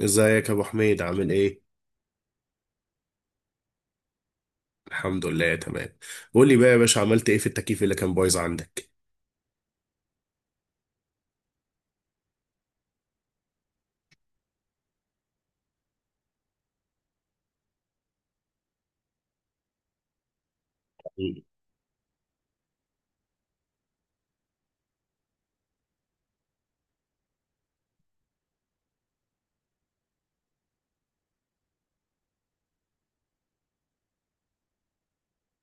ازيك يا ابو حميد عامل ايه؟ الحمد لله تمام. قول لي بقى يا باشا عملت ايه في التكييف اللي كان بايظ عندك؟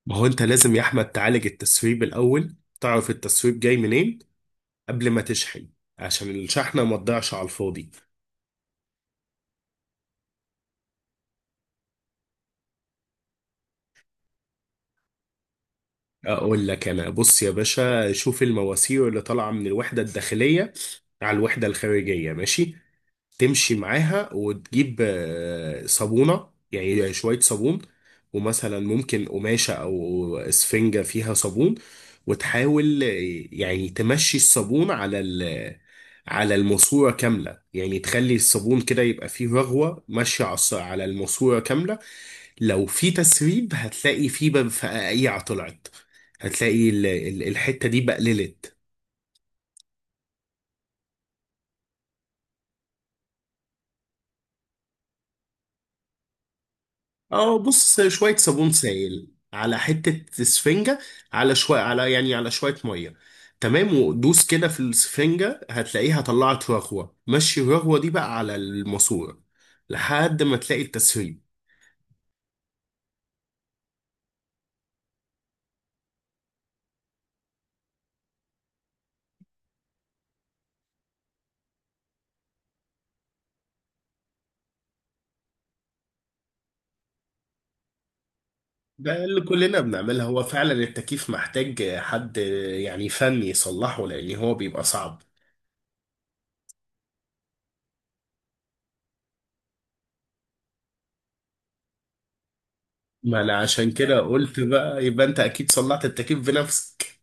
ما هو انت لازم يا احمد تعالج التسريب الاول، تعرف التسريب جاي منين قبل ما تشحن عشان الشحنه ما تضيعش على الفاضي. اقول لك انا، بص يا باشا، شوف المواسير اللي طالعه من الوحده الداخليه على الوحده الخارجيه، ماشي؟ تمشي معاها وتجيب صابونة، يعني شوية صابون. ومثلا ممكن قماشة أو إسفنجة فيها صابون. وتحاول يعني تمشي الصابون على على الماسورة كاملة، يعني تخلي الصابون كده يبقى فيه رغوة ماشية على على الماسورة كاملة. لو في تسريب هتلاقي فيه بقى فقاقيع طلعت، هتلاقي الحتة دي بقللت. اه، بص شوية صابون سائل على حتة سفنجة، على شوية على يعني على شوية مية. تمام، ودوس كده في السفنجة هتلاقيها طلعت رغوة، مشي الرغوة دي بقى على الماسورة لحد ما تلاقي التسريب. ده اللي كلنا بنعملها، هو فعلا التكييف محتاج حد يعني فني يصلحه لأن هو بيبقى صعب. ما أنا عشان كده قلت بقى يبقى أنت أكيد صلحت التكييف بنفسك.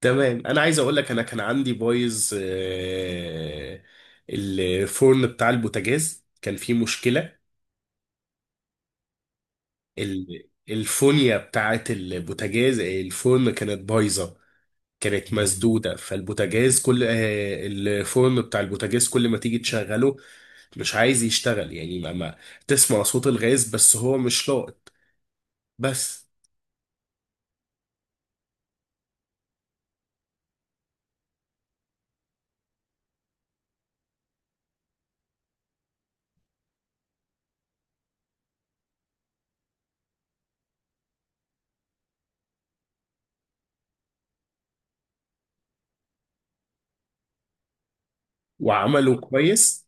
تمام، انا عايز اقول لك، انا كان عندي بايظ الفرن بتاع البوتاجاز كان فيه مشكلة. الفونيا بتاعت البوتاجاز الفرن كانت بايظة، كانت مسدودة، فالبوتاجاز كل آه، الفرن بتاع البوتاجاز كل ما تيجي تشغله مش عايز يشتغل، يعني ما تسمع صوت الغاز بس هو مش لاقط بس. وعمله كويس.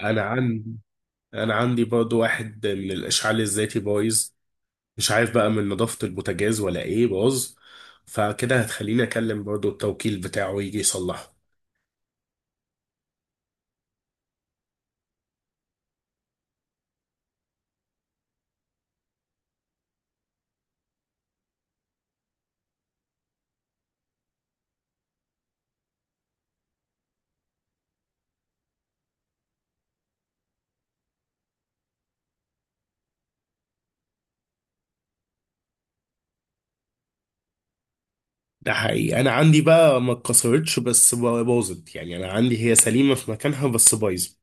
انا عندي انا عندي برضو واحد من الاشعال الذاتي بايظ، مش عارف بقى من نظافة البوتاجاز ولا ايه باظ. فكده هتخليني اكلم برضو التوكيل بتاعه يجي يصلحه. ده حقيقي، انا عندي بقى ما اتكسرتش بس باظت، يعني انا عندي هي سليمة في مكانها بس بايظة.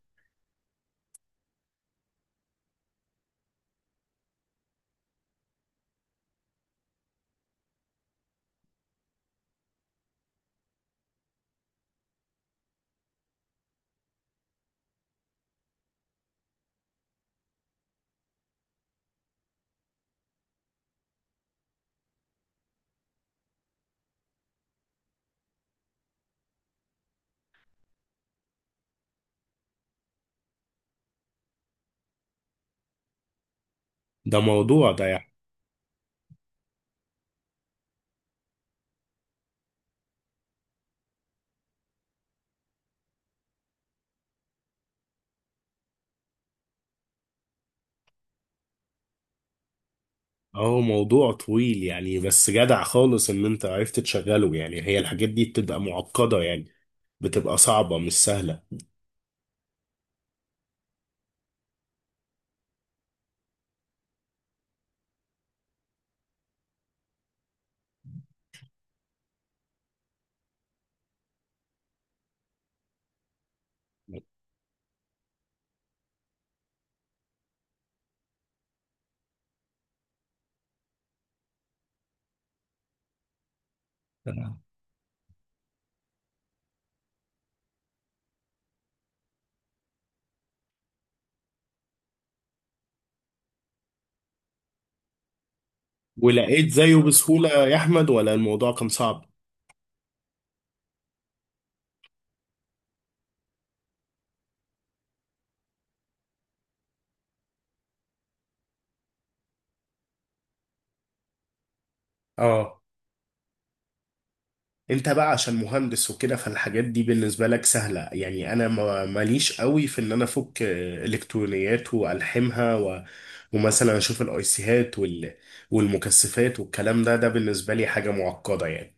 ده موضوع ده يعني. اهو، موضوع طويل يعني، بس جدع خالص ان انت عرفت تشغله، يعني هي الحاجات دي بتبقى معقدة يعني، بتبقى صعبة مش سهلة. تمام. ولقيت زيه بسهولة يا احمد ولا الموضوع كان صعب؟ اه. انت بقى عشان مهندس وكده فالحاجات دي بالنسبة لك سهلة، يعني انا ماليش قوي في ان انا افك الكترونيات والحمها ومثلا اشوف الايسيهات والمكثفات والكلام ده بالنسبة لي حاجة معقدة يعني.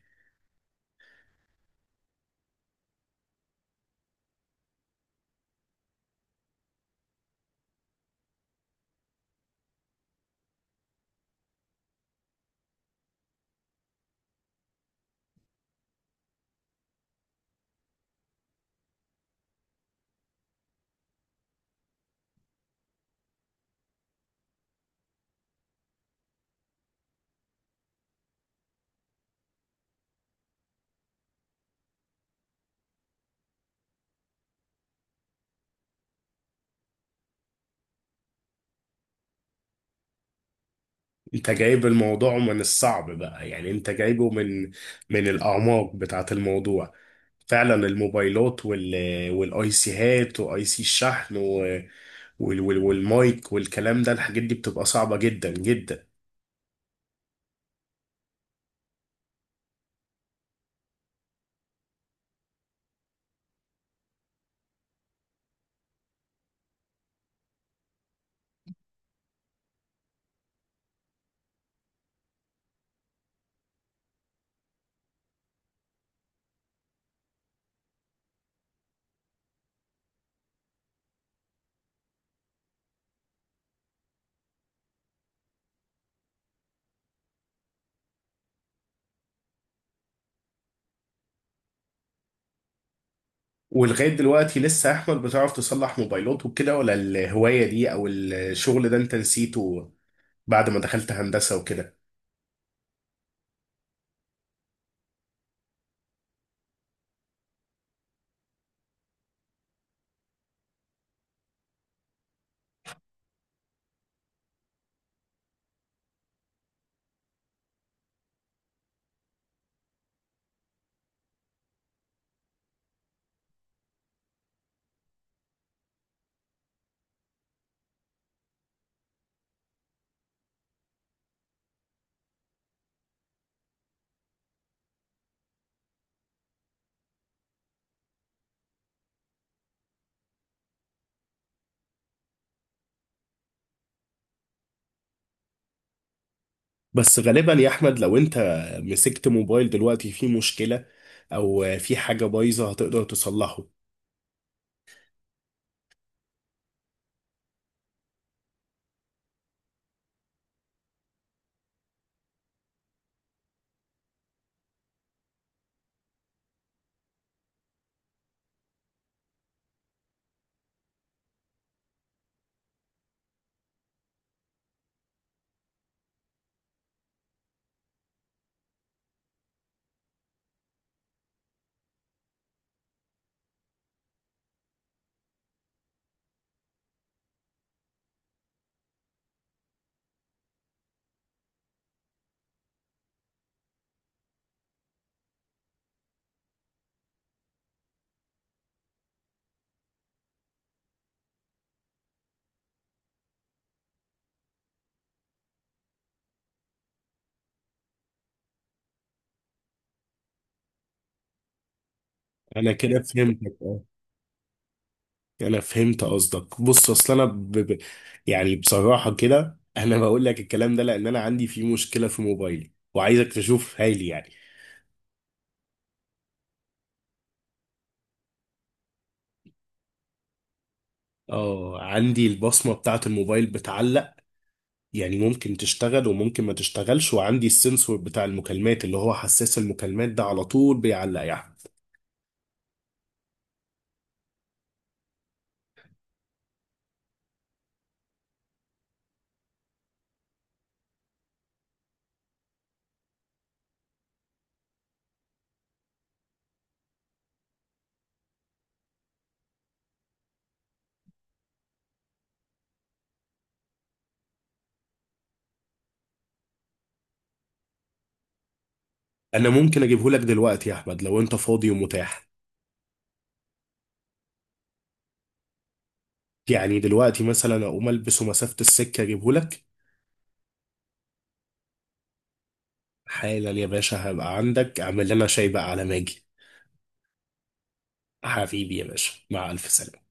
انت جايب الموضوع من الصعب بقى، يعني انت جايبه من الاعماق بتاعة الموضوع. فعلا الموبايلات والايسيهات واي سي الشحن والمايك والكلام ده، الحاجات دي بتبقى صعبة جدا جدا. ولغاية دلوقتي لسه أحمد بتعرف تصلح موبايلات وكده ولا الهواية دي أو الشغل ده أنت نسيته بعد ما دخلت هندسة وكده؟ بس غالبا يا أحمد لو أنت مسكت موبايل دلوقتي فيه مشكلة أو في حاجة بايظة هتقدر تصلحه؟ أنا كده فهمتك، أه. أنا فهمت قصدك، بص أصل أنا يعني بصراحة كده أنا بقول لك الكلام ده، لأن أنا عندي فيه مشكلة في موبايلي وعايزك تشوف هايلي يعني. اه، عندي البصمة بتاعة الموبايل بتعلق، يعني ممكن تشتغل وممكن ما تشتغلش، وعندي السنسور بتاع المكالمات، اللي هو حساس المكالمات ده على طول بيعلق يا احمد. انا ممكن اجيبه لك دلوقتي يا احمد لو انت فاضي ومتاح؟ يعني دلوقتي مثلا اقوم البسه مسافة السكة اجيبه لك. حالا يا باشا، هبقى عندك، اعمل لنا شاي بقى على ما اجي. حبيبي يا باشا، مع الف سلامة.